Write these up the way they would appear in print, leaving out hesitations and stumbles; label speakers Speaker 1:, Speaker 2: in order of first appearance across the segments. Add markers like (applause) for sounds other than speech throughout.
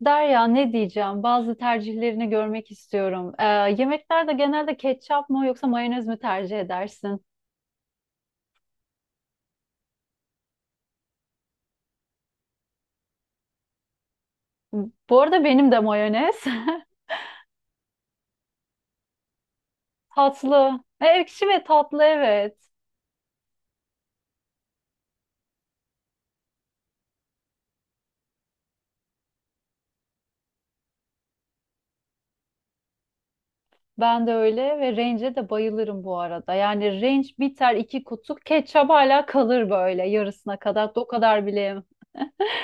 Speaker 1: Derya ne diyeceğim? Bazı tercihlerini görmek istiyorum. Yemeklerde genelde ketçap mı yoksa mayonez mi tercih edersin? Bu arada benim de mayonez. (laughs) Tatlı. Ekşi ve tatlı, evet. Ben de öyle ve range'e de bayılırım bu arada. Yani range biter, iki kutu ketçap hala kalır böyle yarısına kadar. O kadar bile yemem.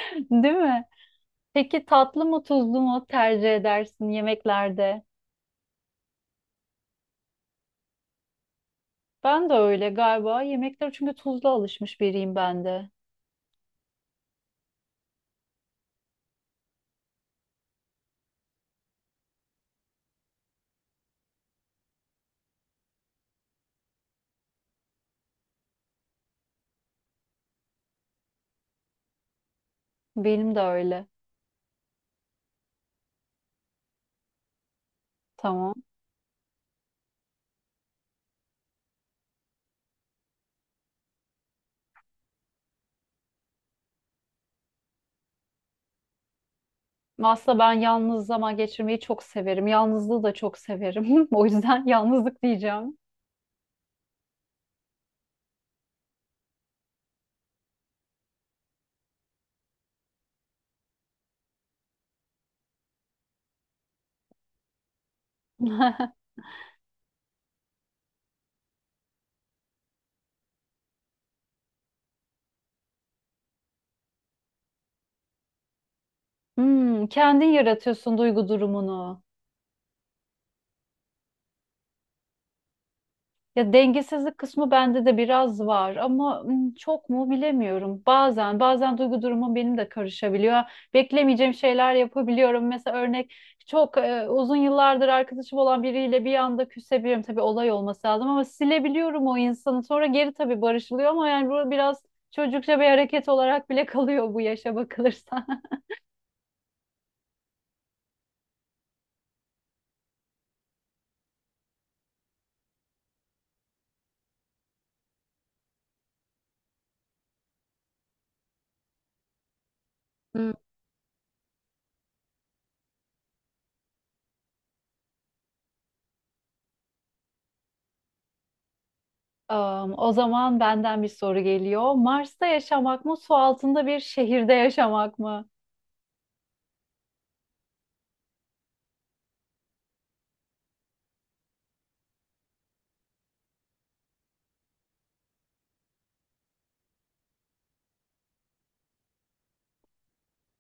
Speaker 1: (laughs) Değil mi? Peki tatlı mı tuzlu mu tercih edersin yemeklerde? Ben de öyle galiba. Yemekler çünkü tuzlu alışmış biriyim ben de. Benim de öyle. Tamam. Aslında ben yalnız zaman geçirmeyi çok severim. Yalnızlığı da çok severim. (laughs) O yüzden yalnızlık diyeceğim. (laughs) Hmm, kendin yaratıyorsun duygu durumunu. Ya dengesizlik kısmı bende de biraz var ama çok mu bilemiyorum. Bazen duygu durumum benim de karışabiliyor. Beklemeyeceğim şeyler yapabiliyorum. Mesela örnek, çok uzun yıllardır arkadaşım olan biriyle bir anda küsebiliyorum. Tabii olay olması lazım ama silebiliyorum o insanı. Sonra geri tabii barışılıyor ama yani bu biraz çocukça bir hareket olarak bile (laughs) kalıyor bu yaşa bakılırsa. (laughs) Hmm. O zaman benden bir soru geliyor. Mars'ta yaşamak mı, su altında bir şehirde yaşamak mı?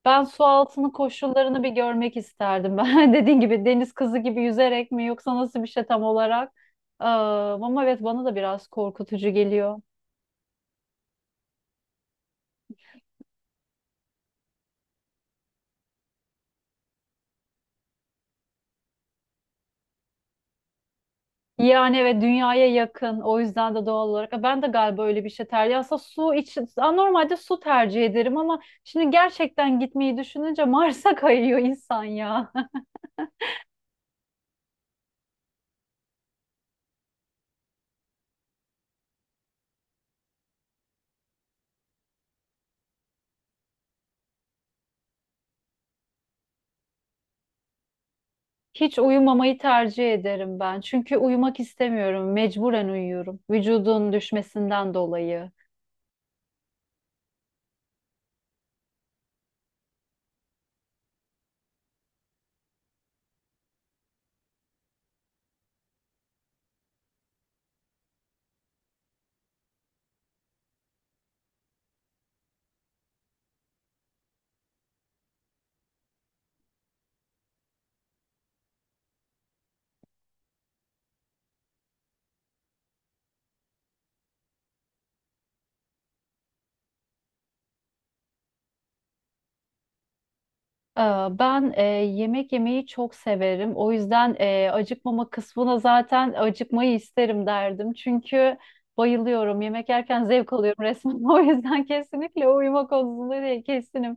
Speaker 1: Ben su altını koşullarını bir görmek isterdim. (laughs) Ben dediğin gibi deniz kızı gibi yüzerek mi, yoksa nasıl bir şey tam olarak? Ama evet, bana da biraz korkutucu geliyor. Yani evet, dünyaya yakın, o yüzden de doğal olarak ben de galiba öyle bir şey tercih. Aslında su için, Aa, normalde su tercih ederim ama şimdi gerçekten gitmeyi düşününce Mars'a (laughs) kayıyor insan ya. Hiç uyumamayı tercih ederim ben. Çünkü uyumak istemiyorum. Mecburen uyuyorum. Vücudun düşmesinden dolayı. Ee, Ben yemek yemeyi çok severim. O yüzden acıkmama kısmına, zaten acıkmayı isterim derdim. Çünkü bayılıyorum. Yemek yerken zevk alıyorum resmen. (laughs) O yüzden kesinlikle uyuma konusunda de kesinim.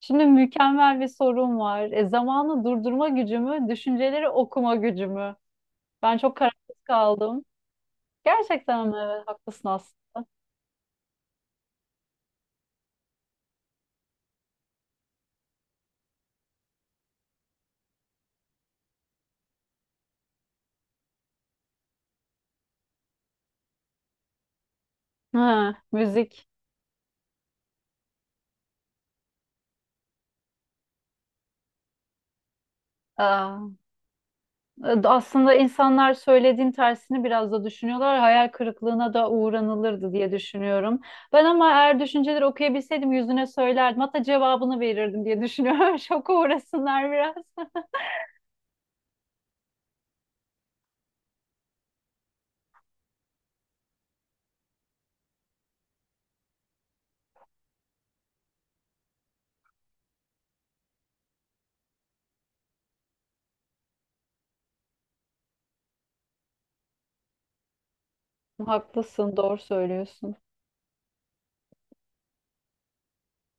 Speaker 1: Şimdi mükemmel bir sorum var. Zamanı durdurma gücümü, düşünceleri okuma gücümü. Ben çok kararsız kaldım. Gerçekten mi? Evet, haklısın aslında. Ha, müzik. Aa. Aslında insanlar söylediğin tersini biraz da düşünüyorlar. Hayal kırıklığına da uğranılırdı diye düşünüyorum. Ben ama eğer düşünceleri okuyabilseydim yüzüne söylerdim. Hatta cevabını verirdim diye düşünüyorum. (laughs) Şoka uğrasınlar biraz. (laughs) Haklısın, doğru söylüyorsun.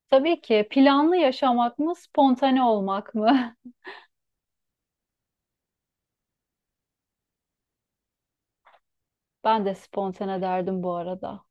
Speaker 1: Tabii ki, planlı yaşamak mı, spontane olmak mı? (laughs) Ben de spontane derdim bu arada.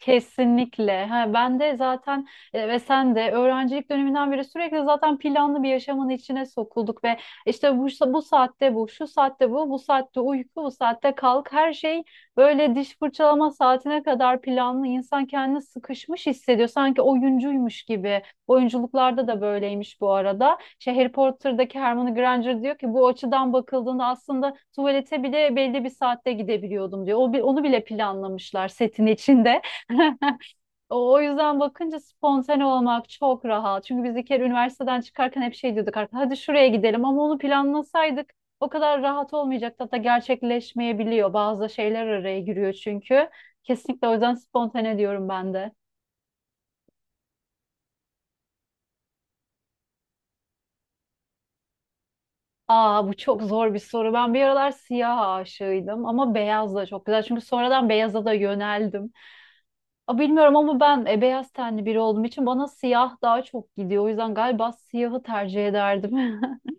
Speaker 1: Kesinlikle. Ha, ben de zaten, ve sen de öğrencilik döneminden beri sürekli zaten planlı bir yaşamın içine sokulduk ve işte bu saatte bu, şu saatte bu, bu saatte uyku, bu saatte kalk. Her şey böyle diş fırçalama saatine kadar planlı. İnsan kendini sıkışmış hissediyor. Sanki oyuncuymuş gibi. Oyunculuklarda da böyleymiş bu arada. Şey, Harry Potter'daki Hermione Granger diyor ki bu açıdan bakıldığında aslında tuvalete bile belli bir saatte gidebiliyordum diyor. Onu bile planlamışlar setin içinde. (laughs) O yüzden bakınca spontane olmak çok rahat. Çünkü biz bir kere üniversiteden çıkarken hep şey diyorduk, artık hadi şuraya gidelim, ama onu planlasaydık o kadar rahat olmayacaktı. Hatta gerçekleşmeyebiliyor. Bazı şeyler araya giriyor çünkü. Kesinlikle, o yüzden spontane diyorum ben de. Aa, bu çok zor bir soru. Ben bir aralar siyah aşığıydım ama beyaz da çok güzel. Çünkü sonradan beyaza da yöneldim. Aa, bilmiyorum ama ben, beyaz tenli biri olduğum için bana siyah daha çok gidiyor. O yüzden galiba siyahı tercih ederdim. (laughs)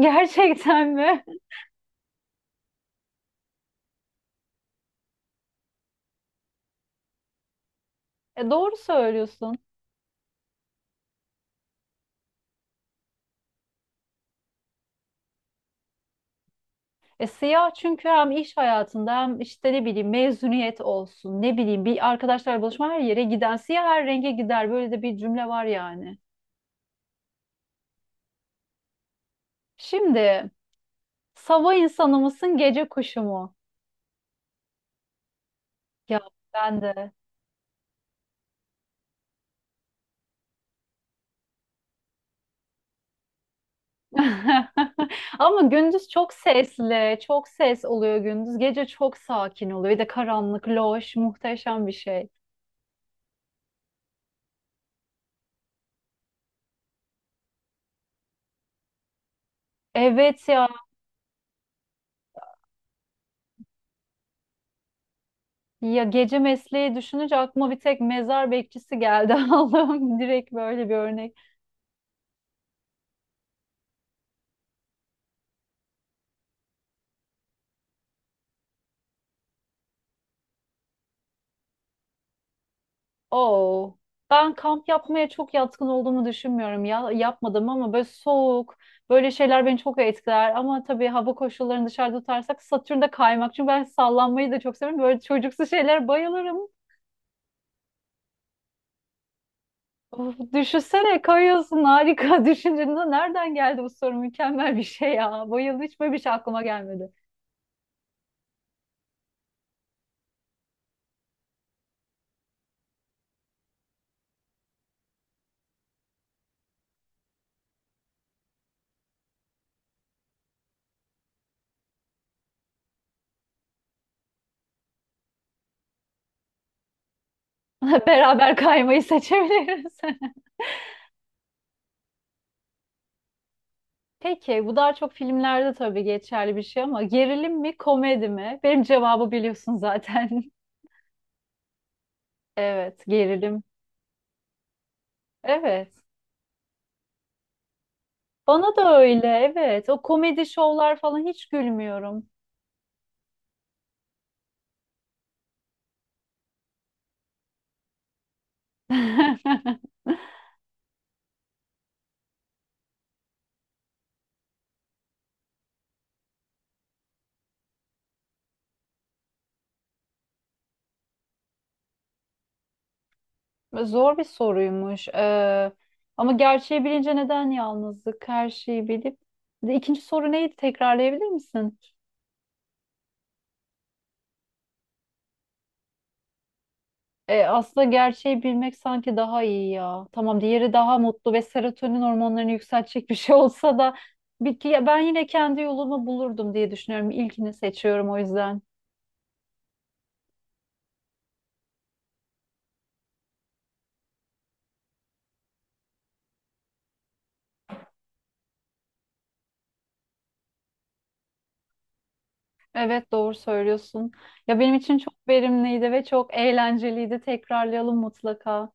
Speaker 1: Gerçekten mi? Doğru söylüyorsun. Siyah çünkü hem iş hayatında, hem işte ne bileyim mezuniyet olsun, ne bileyim bir arkadaşlar buluşma, her yere giden siyah, her renge gider, böyle de bir cümle var yani. Şimdi sabah insanı mısın, gece kuşu mu? Ya ben de. (laughs) Ama gündüz çok sesli, çok ses oluyor gündüz. Gece çok sakin oluyor. Bir de karanlık, loş, muhteşem bir şey. Evet ya. Ya gece mesleği düşününce aklıma bir tek mezar bekçisi geldi. (laughs) Allah'ım, direkt böyle bir örnek. Oo. Ben kamp yapmaya çok yatkın olduğumu düşünmüyorum ya. Yapmadım ama böyle soğuk, böyle şeyler beni çok etkiler. Ama tabii hava koşullarını dışarıda tutarsak Satürn'de kaymak. Çünkü ben sallanmayı da çok severim. Böyle çocuksu şeylere bayılırım. Of, düşünsene kayıyorsun, harika. (laughs) Düşüncende nereden geldi bu soru? Mükemmel bir şey ya. Bayıldım. Hiç böyle bir şey aklıma gelmedi. (laughs) Beraber kaymayı seçebiliriz. (laughs) Peki bu daha çok filmlerde tabii geçerli bir şey ama gerilim mi komedi mi? Benim cevabı biliyorsun zaten. (laughs) Evet, gerilim. Evet. Bana da öyle, evet. O komedi şovlar falan, hiç gülmüyorum. (laughs) Zor bir soruymuş. Ama gerçeği bilince neden yalnızlık? Her şeyi bilip. Bir de İkinci soru neydi? Tekrarlayabilir misin? Aslında gerçeği bilmek sanki daha iyi ya. Tamam, diğeri daha mutlu ve serotonin hormonlarını yükseltecek bir şey olsa da ben yine kendi yolumu bulurdum diye düşünüyorum. İlkini seçiyorum o yüzden. Evet, doğru söylüyorsun. Ya benim için çok verimliydi ve çok eğlenceliydi. Tekrarlayalım mutlaka.